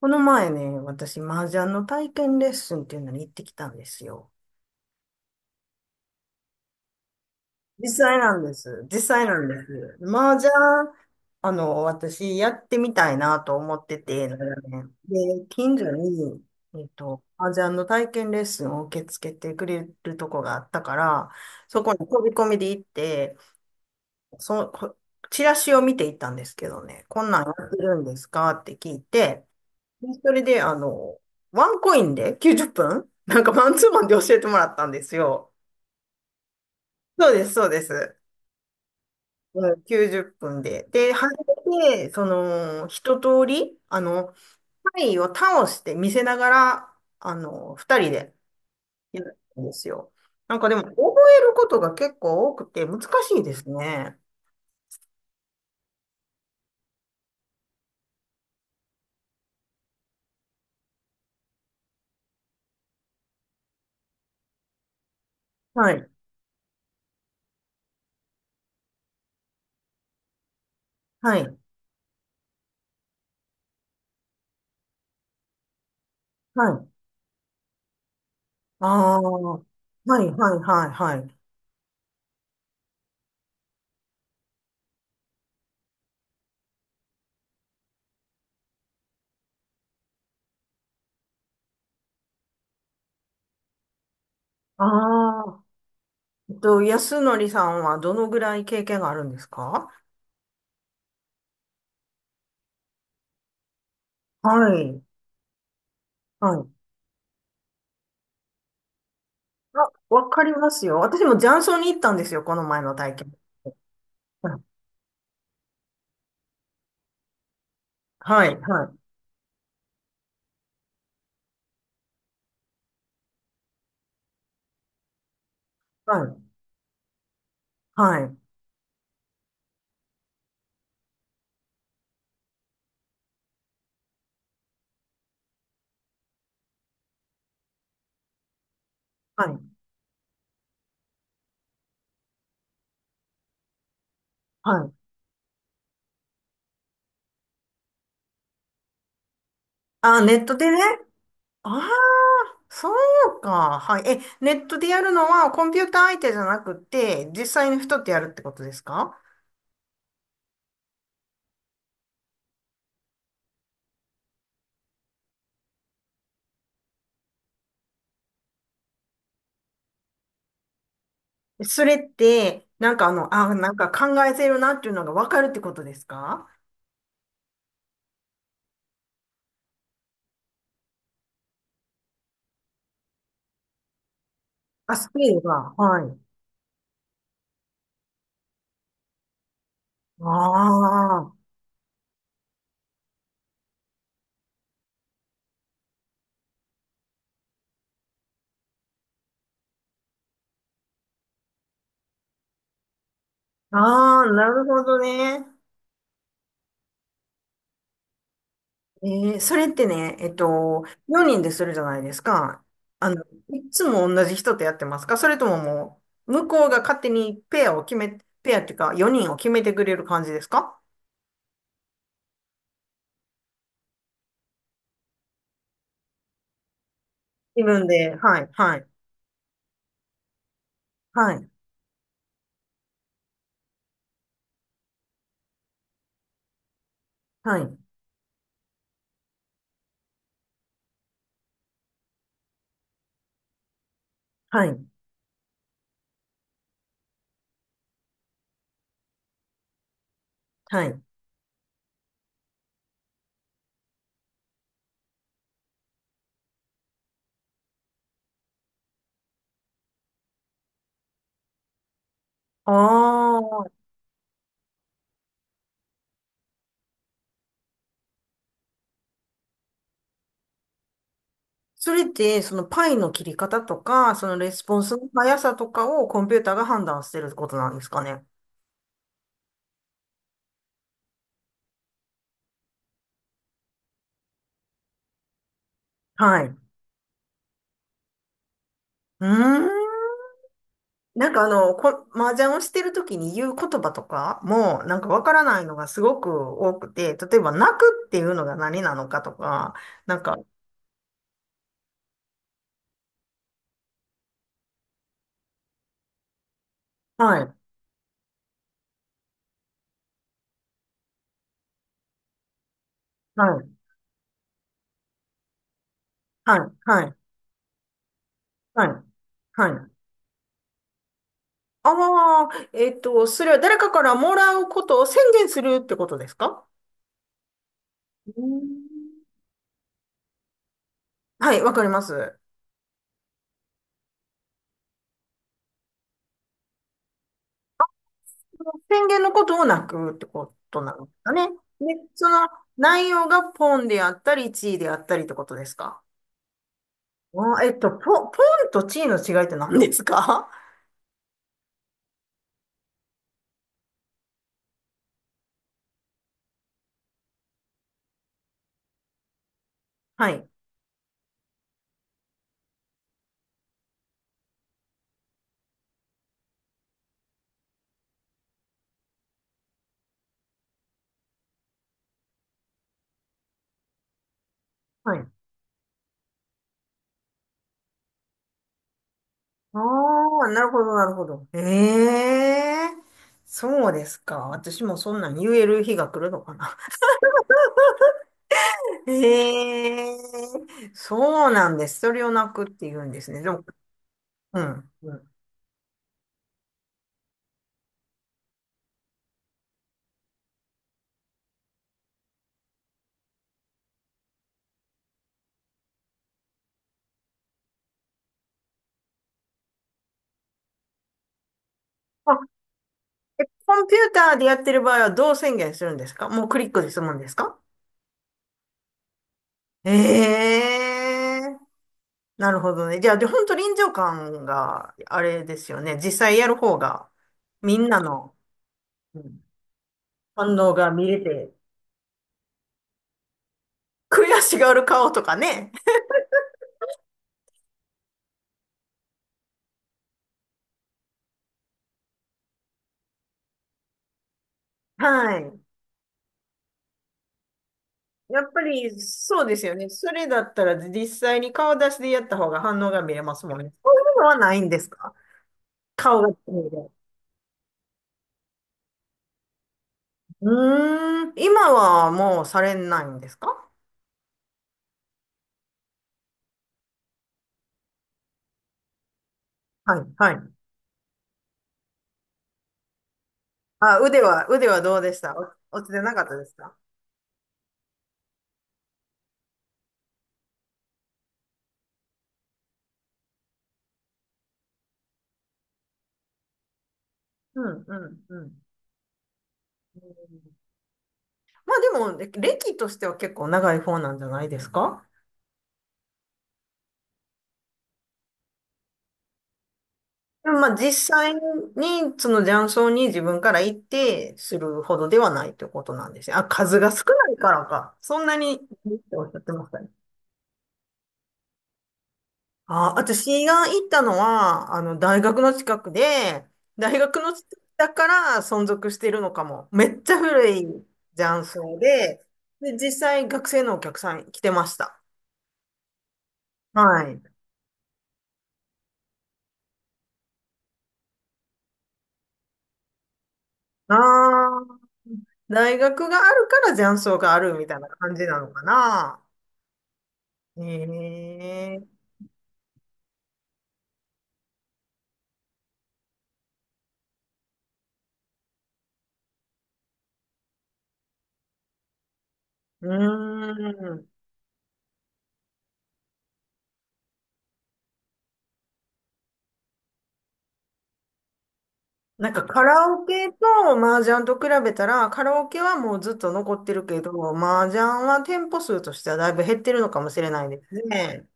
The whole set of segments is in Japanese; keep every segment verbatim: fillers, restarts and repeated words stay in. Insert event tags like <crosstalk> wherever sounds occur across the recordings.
この前ね、私、麻雀の体験レッスンっていうのに行ってきたんですよ。実際なんです。実際なんです。麻雀、あの、私、やってみたいなと思ってて、長年で、近所に、えっと、麻雀の体験レッスンを受け付けてくれるとこがあったから、そこに飛び込みで行って、その、こチラシを見て行ったんですけどね、こんなんやってるんですかって聞いて、それで、あの、ワンコインできゅうじゅっぷん <laughs> なんかマンツーマンで教えてもらったんですよ。そうです、そうです。うん、きゅうじゅっぷんで。で、初めて、その、一通り、あの、タイを倒して見せながら、あの、二人でやるんですよ。なんかでも、覚えることが結構多くて難しいですね。はい、はい、はい。ああ、はい、はい、はい、はい。ああ、えっと、安則さんはどのぐらい経験があるんですか？はい。はい。あ、わかりますよ。私も雀荘に行ったんですよ、この前の体験。<laughs> うん。はい、はい、はい、はい、はい、はい。あ、ネットでね。ああ、そうか。はい。え、ネットでやるのはコンピューター相手じゃなくて、実際の人ってやるってことですか？それって、なんかあの、あ、なんか考えてるなっていうのがわかるってことですか？あ、スピードが。はい。ああ。ああ、なるほどね。えー、それってね、えっと、よにんでするじゃないですか。あの、いつも同じ人とやってますか？それとももう、向こうが勝手にペアを決め、ペアっていうか、よにんを決めてくれる感じですか？自分で、はい、はい、はい、はい、はい、はい。ああ、それって、そのパイの切り方とか、そのレスポンスの速さとかをコンピューターが判断してることなんですかね。はい。うーん。なんかあの、こ、麻雀をしてるときに言う言葉とかも、なんかわからないのがすごく多くて、例えば泣くっていうのが何なのかとか、なんか、はい、はい、はい、はい、はい、はい。ああ、えっと、それは誰かからもらうことを宣言するってことですか？うん。はい、わかります。宣言のことを泣くってことなんですかね。で、その内容がポンであったり、地位であったりってことですか？あー、えっと、ポ、ポンとチーの違いって何何ですか？ <laughs> はい。はい。ああ、なるほど、なるほど。ええー、そうですか。私もそんなん言える日が来るのかな。<laughs> ええー、そうなんです。それをなくって言うんですね。でも、うん。うん。あ、え、コンピューターでやってる場合はどう宣言するんですか？もうクリックでするんですか？ええ、なるほどね。じゃあ、で、本当臨場感があれですよね。実際やる方が、みんなの、うん、反応が見れて、悔しがる顔とかね。はい。やっぱりそうですよね。それだったら実際に顔出しでやった方が反応が見れますもんね。そういうのはないんですか？顔が見えて。うーん。今はもうされないんですか？はい、はい。あ、腕は、腕はどうでした？お落ちてなかったですか？うん、うん、うん。まあでも、歴としては結構長い方なんじゃないですか？でもまあ実際に、その雀荘に自分から行ってするほどではないということなんですよ。あ、数が少ないからか。そんなに、っておっしゃってましたね。あ、私が行ったのは、あの、大学の近くで、大学の近くだから存続してるのかも。めっちゃ古い雀荘で、で、実際学生のお客さん来てました。はい。ああ、大学があるから雀荘があるみたいな感じなのかな。ええ、うーん。なんかカラオケと麻雀と比べたら、カラオケはもうずっと残ってるけど、麻雀は店舗数としてはだいぶ減ってるのかもしれないですね。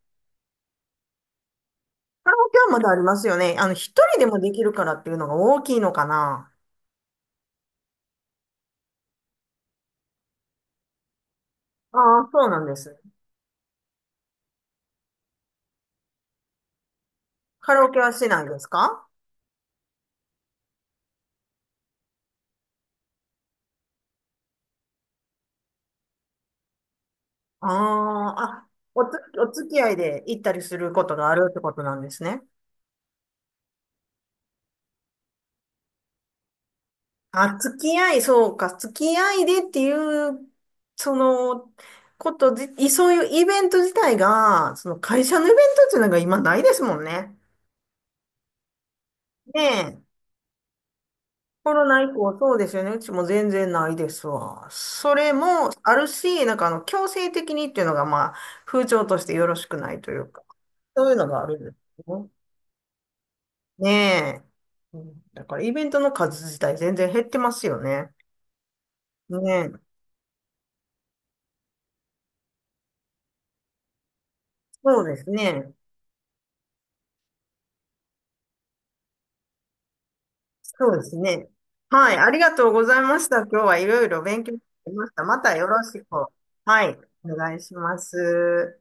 カラオケはまだありますよね。あの、一人でもできるからっていうのが大きいのかな。ああ、そうなんです。カラオケはしないですか？ああ、あ、おつ、お付き合いで行ったりすることがあるってことなんですね。あ、付き合い、そうか、付き合いでっていう、その、ことじ、いそういうイベント自体が、その会社のイベントっていうのが今ないですもんね。ねえ、コロナ以降そうですよね。うちも全然ないですわ。それもあるし、なんかあの、強制的にっていうのが、まあ、風潮としてよろしくないというか、そういうのがあるんですね。ねえ。うん、だからイベントの数自体全然減ってますよね。ねえ。そうですね。そうですね。はい。ありがとうございました。今日はいろいろ勉強になりました。またよろしく。はい。お願いします。